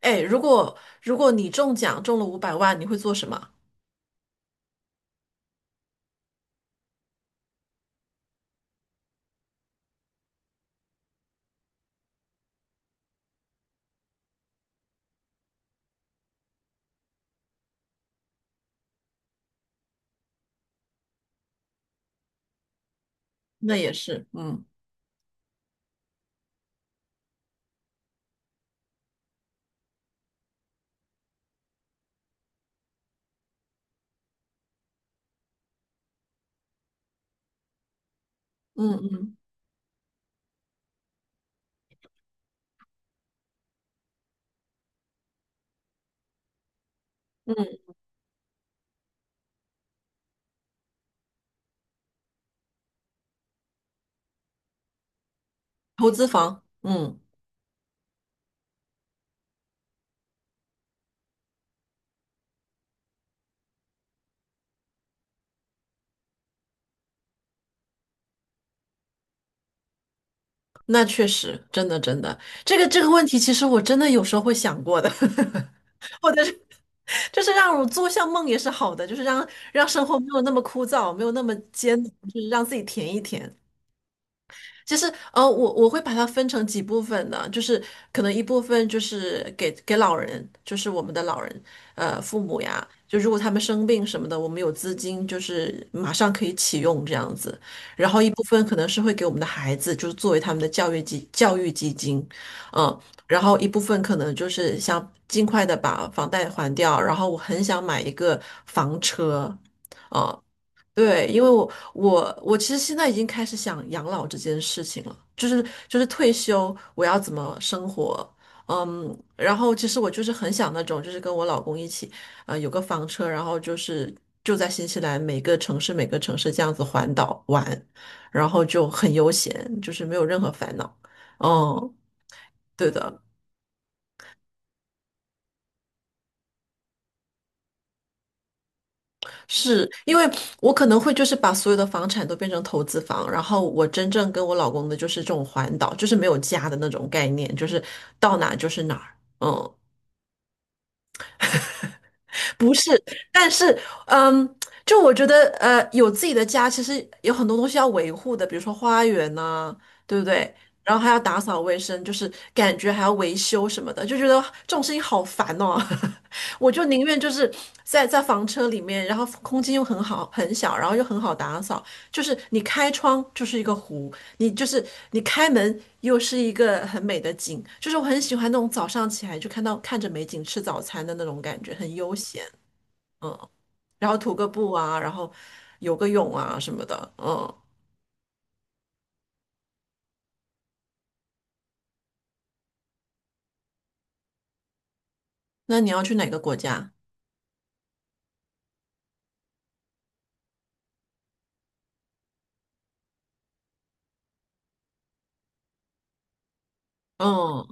哎，如果你中奖中了五百万，你会做什么？那也是，嗯嗯嗯嗯，投资房，嗯，那确实，真的真的，这个问题，其实我真的有时候会想过的。或者是就是让我做项梦也是好的，就是让生活没有那么枯燥，没有那么艰难，就是让自己填一填。其实，我会把它分成几部分的，就是可能一部分就是给老人，就是我们的老人，父母呀，就如果他们生病什么的，我们有资金，就是马上可以启用这样子。然后一部分可能是会给我们的孩子，就是作为他们的教育基金，嗯，然后一部分可能就是想尽快的把房贷还掉，然后我很想买一个房车。啊、对，因为我其实现在已经开始想养老这件事情了，就是退休我要怎么生活。嗯，然后其实我就是很想那种，就是跟我老公一起，有个房车，然后就是就在新西兰每个城市每个城市这样子环岛玩，然后就很悠闲，就是没有任何烦恼。嗯，对的。是因为我可能会就是把所有的房产都变成投资房，然后我真正跟我老公的就是这种环岛，就是没有家的那种概念，就是到哪就是哪儿。嗯，不是，但是，嗯，就我觉得，有自己的家，其实有很多东西要维护的，比如说花园呐、对不对？然后还要打扫卫生，就是感觉还要维修什么的，就觉得这种事情好烦哦。我就宁愿就是在房车里面，然后空间又很好很小，然后又很好打扫，就是你开窗就是一个湖，你就是你开门又是一个很美的景，就是我很喜欢那种早上起来就看着美景吃早餐的那种感觉，很悠闲。嗯，然后涂个布啊，然后游个泳啊什么的。嗯。那你要去哪个国家？嗯，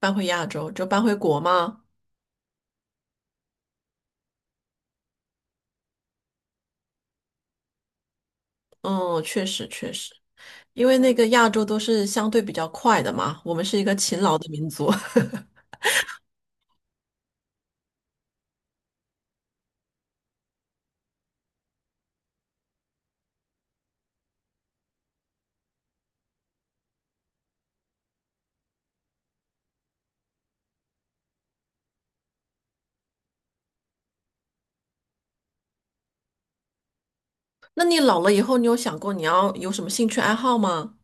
搬回亚洲就搬回国吗？嗯，确实确实，因为那个亚洲都是相对比较快的嘛，我们是一个勤劳的民族。那你老了以后，你有想过你要有什么兴趣爱好吗？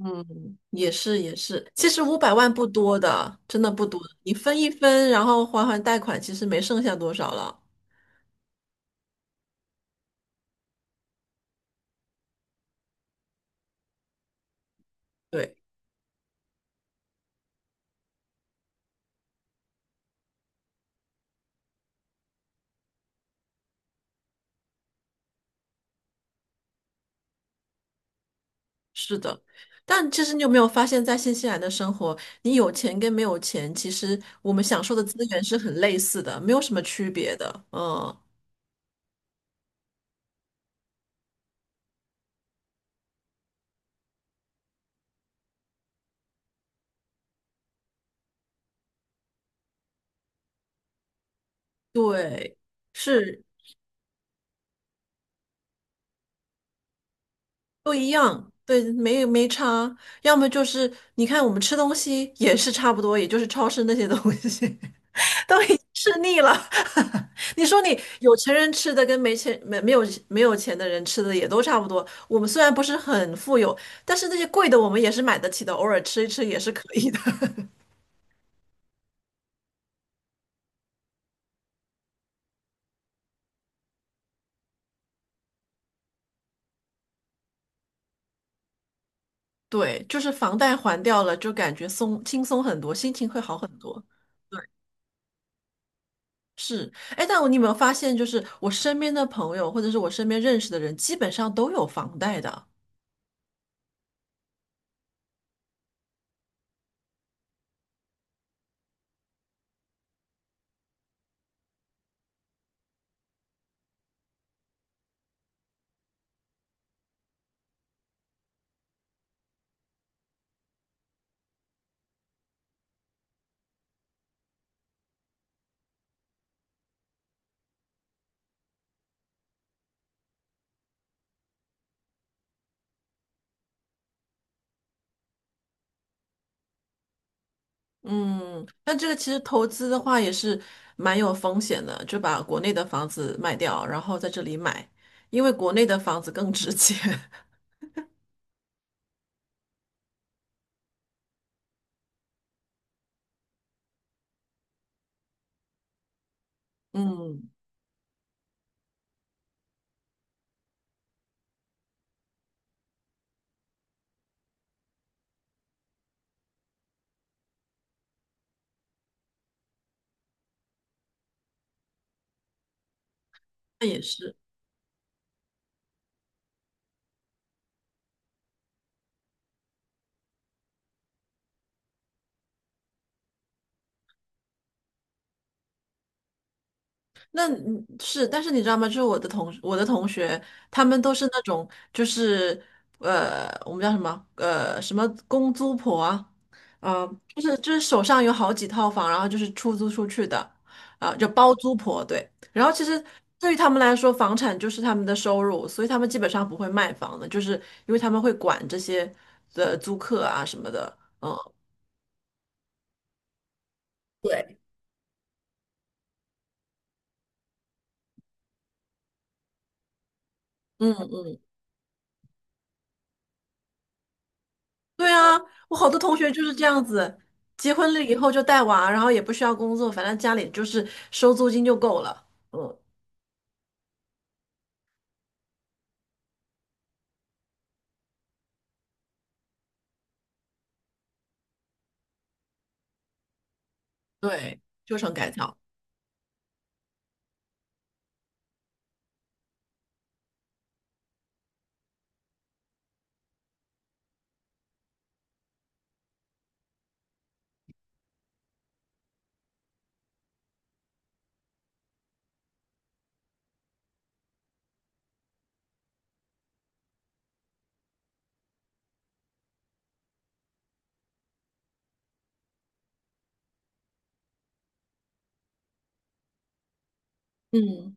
嗯，也是也是，其实五百万不多的，真的不多，你分一分，然后还贷款，其实没剩下多少了。对。是的。但其实你有没有发现，在新西兰的生活，你有钱跟没有钱，其实我们享受的资源是很类似的，没有什么区别的。嗯，对，是都一样，对，没差。要么就是你看我们吃东西也是差不多，也就是超市那些东西 都已经吃腻了。你说你有钱人吃的跟没钱没没有没有钱的人吃的也都差不多。我们虽然不是很富有，但是那些贵的我们也是买得起的，偶尔吃一吃也是可以的。对，就是房贷还掉了，就感觉轻松很多，心情会好很多。是，哎，但你有没有发现，就是我身边的朋友或者是我身边认识的人，基本上都有房贷的。嗯，但这个其实投资的话也是蛮有风险的，就把国内的房子卖掉，然后在这里买，因为国内的房子更值钱。嗯，那也是。那嗯是，但是你知道吗？我的同学，他们都是那种就是我们叫什么什么公租婆啊，啊、就是手上有好几套房，然后就是出租出去的，啊、就包租婆对。然后其实对于他们来说，房产就是他们的收入，所以他们基本上不会卖房的，就是因为他们会管这些的租客啊什么的，嗯对，嗯嗯。对啊，我好多同学就是这样子，结婚了以后就带娃，然后也不需要工作，反正家里就是收租金就够了。嗯，对，就成改造。嗯，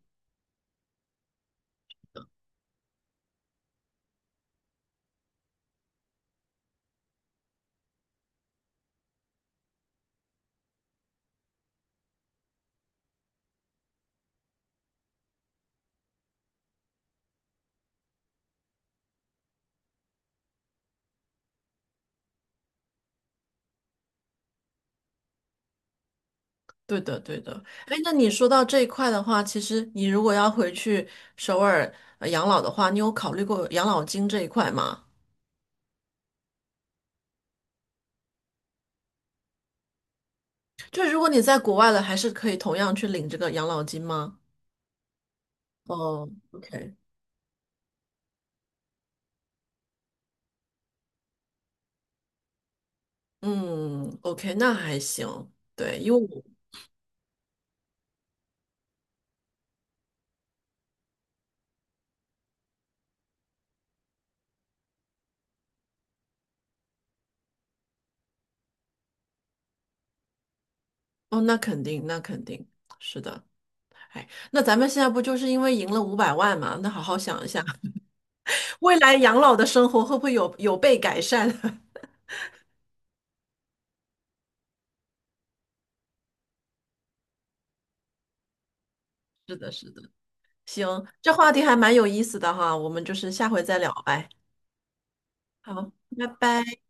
对的，对的。哎，那你说到这一块的话，其实你如果要回去首尔养老的话，你有考虑过养老金这一块吗？就是如果你在国外了，还是可以同样去领这个养老金吗？哦，OK。嗯，OK，那还行。对，因为我，哦，那肯定，那肯定是的。哎，那咱们现在不就是因为赢了五百万嘛？那好好想一下，未来养老的生活会不会有被改善？是的，是的。行，这话题还蛮有意思的哈，我们就是下回再聊呗。好，拜拜。